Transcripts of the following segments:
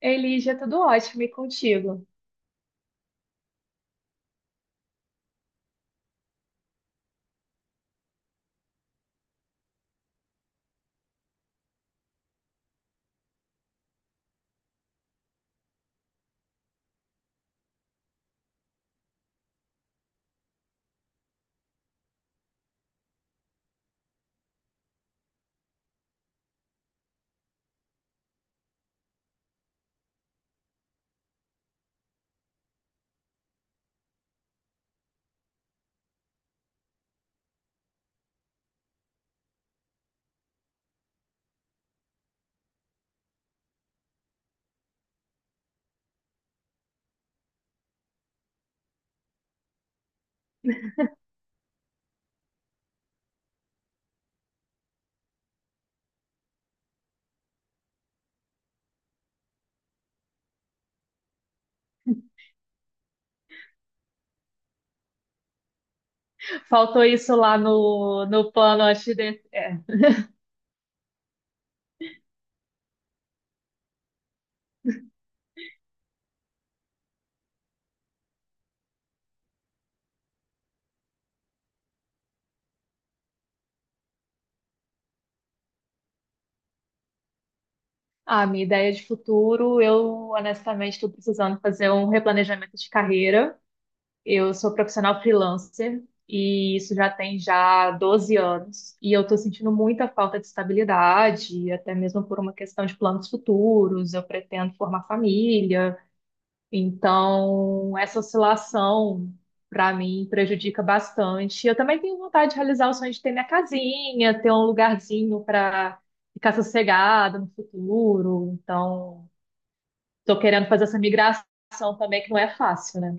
Elígia, tudo ótimo e contigo. Faltou isso lá no plano antes de é. Ah, minha ideia de futuro, eu honestamente estou precisando fazer um replanejamento de carreira. Eu sou profissional freelancer e isso já tem já 12 anos. E eu estou sentindo muita falta de estabilidade, até mesmo por uma questão de planos futuros. Eu pretendo formar família. Então, essa oscilação, para mim, prejudica bastante. Eu também tenho vontade de realizar o sonho de ter minha casinha, ter um lugarzinho para ficar sossegada no futuro. Então, estou querendo fazer essa migração também, que não é fácil, né?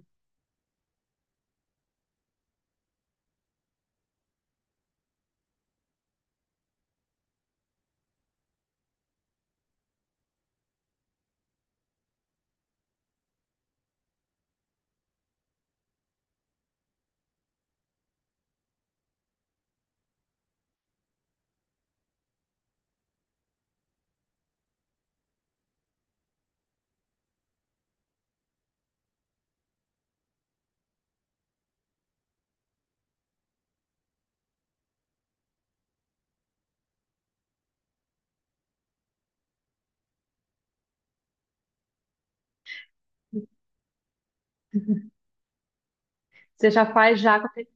Você já faz já. Com aquele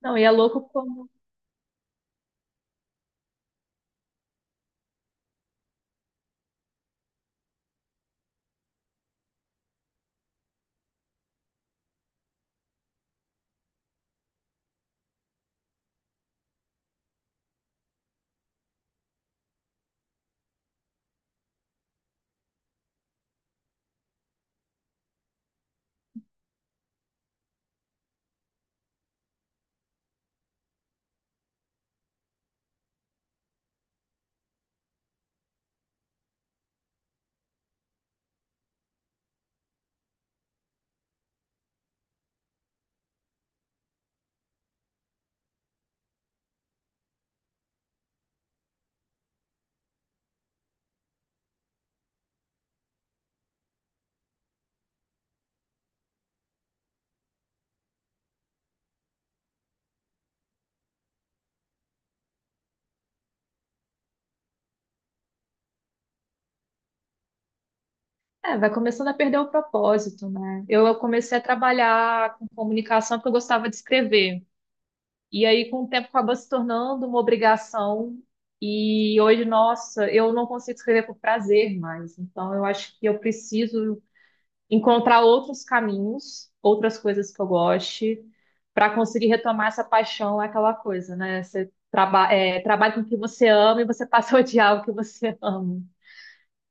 não, e é louco como. É, vai começando a perder o propósito, né? Eu comecei a trabalhar com comunicação porque eu gostava de escrever. E aí, com o tempo, acabou se tornando uma obrigação. E hoje, nossa, eu não consigo escrever por prazer mais. Então, eu acho que eu preciso encontrar outros caminhos, outras coisas que eu goste, para conseguir retomar essa paixão, aquela coisa, né? Trabalha com o que você ama e você passa a odiar o que você ama.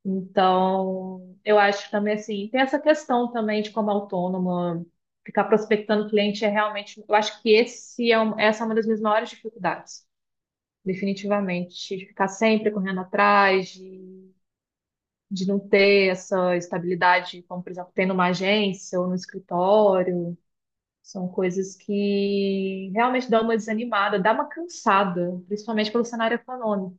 Então, eu acho que também assim, tem essa questão também de, como autônoma, ficar prospectando cliente é realmente, eu acho que essa é uma das minhas maiores dificuldades, definitivamente, de ficar sempre correndo atrás, de não ter essa estabilidade, como por exemplo, tem numa agência ou no escritório, são coisas que realmente dão uma desanimada, dá uma cansada, principalmente pelo cenário econômico.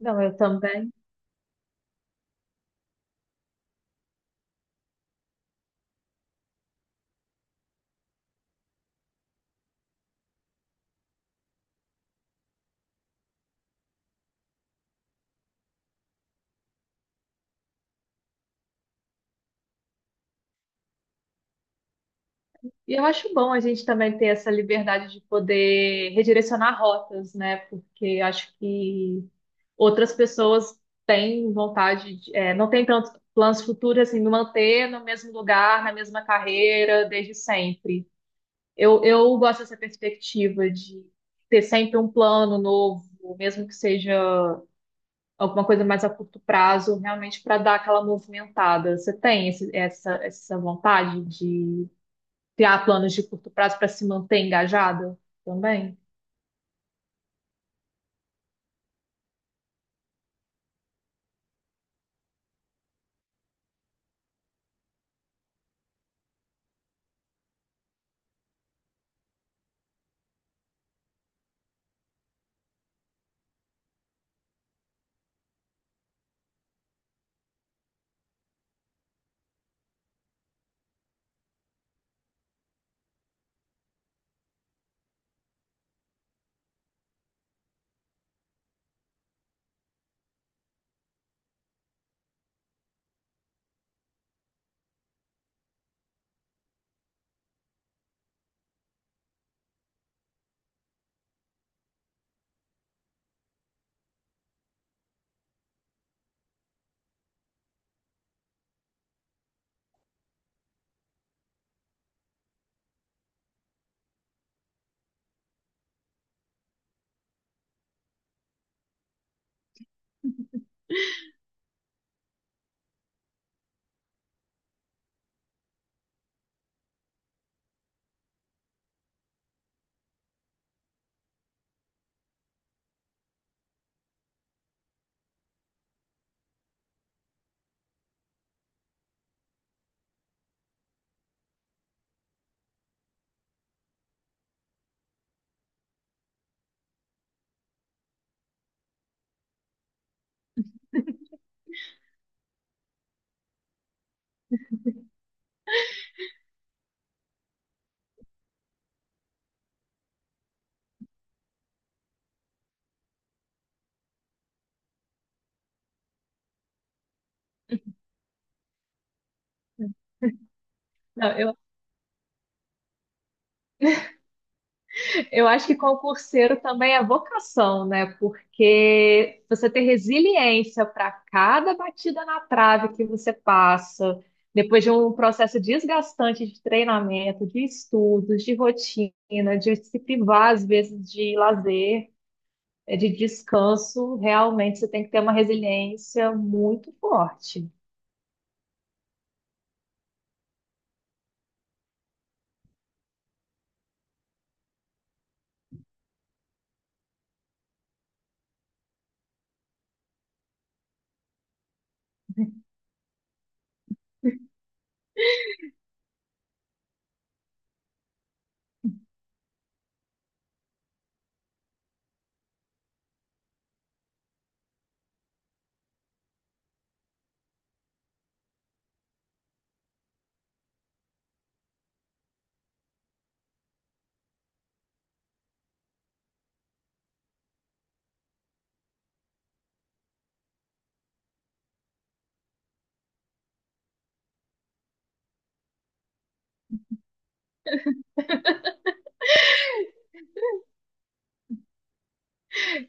Não, eu também. E eu acho bom a gente também ter essa liberdade de poder redirecionar rotas, né? Porque acho que outras pessoas têm vontade de, não têm tantos planos futuros assim, me manter no mesmo lugar, na mesma carreira, desde sempre. Eu gosto dessa perspectiva de ter sempre um plano novo, mesmo que seja alguma coisa mais a curto prazo, realmente para dar aquela movimentada. Você tem essa vontade, criar planos de curto prazo para se manter engajado também? Não, eu acho que concurseiro também é vocação, né? Porque você ter resiliência para cada batida na trave que você passa, depois de um processo desgastante de treinamento, de estudos, de rotina, de se privar às vezes de lazer, de descanso, realmente você tem que ter uma resiliência muito forte.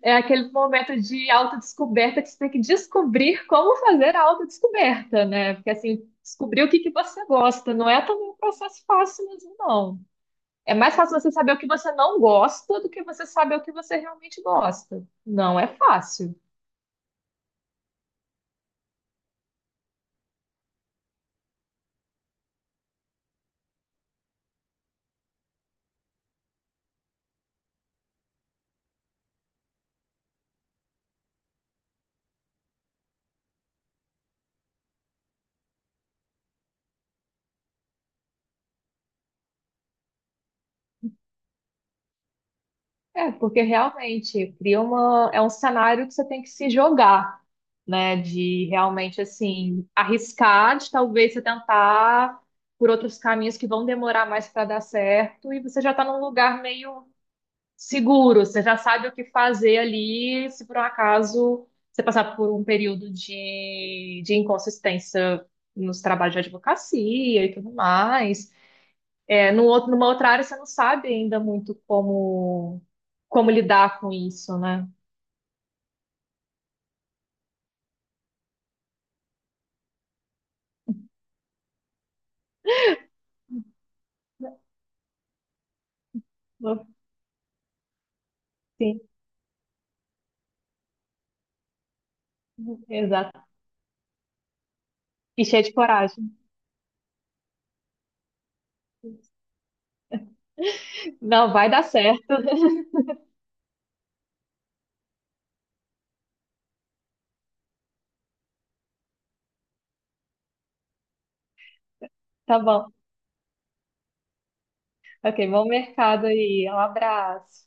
É aquele momento de autodescoberta que você tem que descobrir como fazer a autodescoberta, né? Porque assim, descobrir o que que você gosta não é também um processo fácil mesmo, não. É mais fácil você saber o que você não gosta do que você saber o que você realmente gosta. Não é fácil. É, porque realmente cria uma, é um cenário que você tem que se jogar, né? De realmente assim arriscar, de talvez você tentar por outros caminhos que vão demorar mais para dar certo, e você já está num lugar meio seguro, você já sabe o que fazer ali, se por um acaso você passar por um período de inconsistência nos trabalhos de advocacia e tudo mais. É, no outro, numa outra área você não sabe ainda muito como, como lidar com isso, né? Sim, exato. E cheio de coragem. Não, vai dar certo. Tá bom. Ok, bom mercado aí. Um abraço.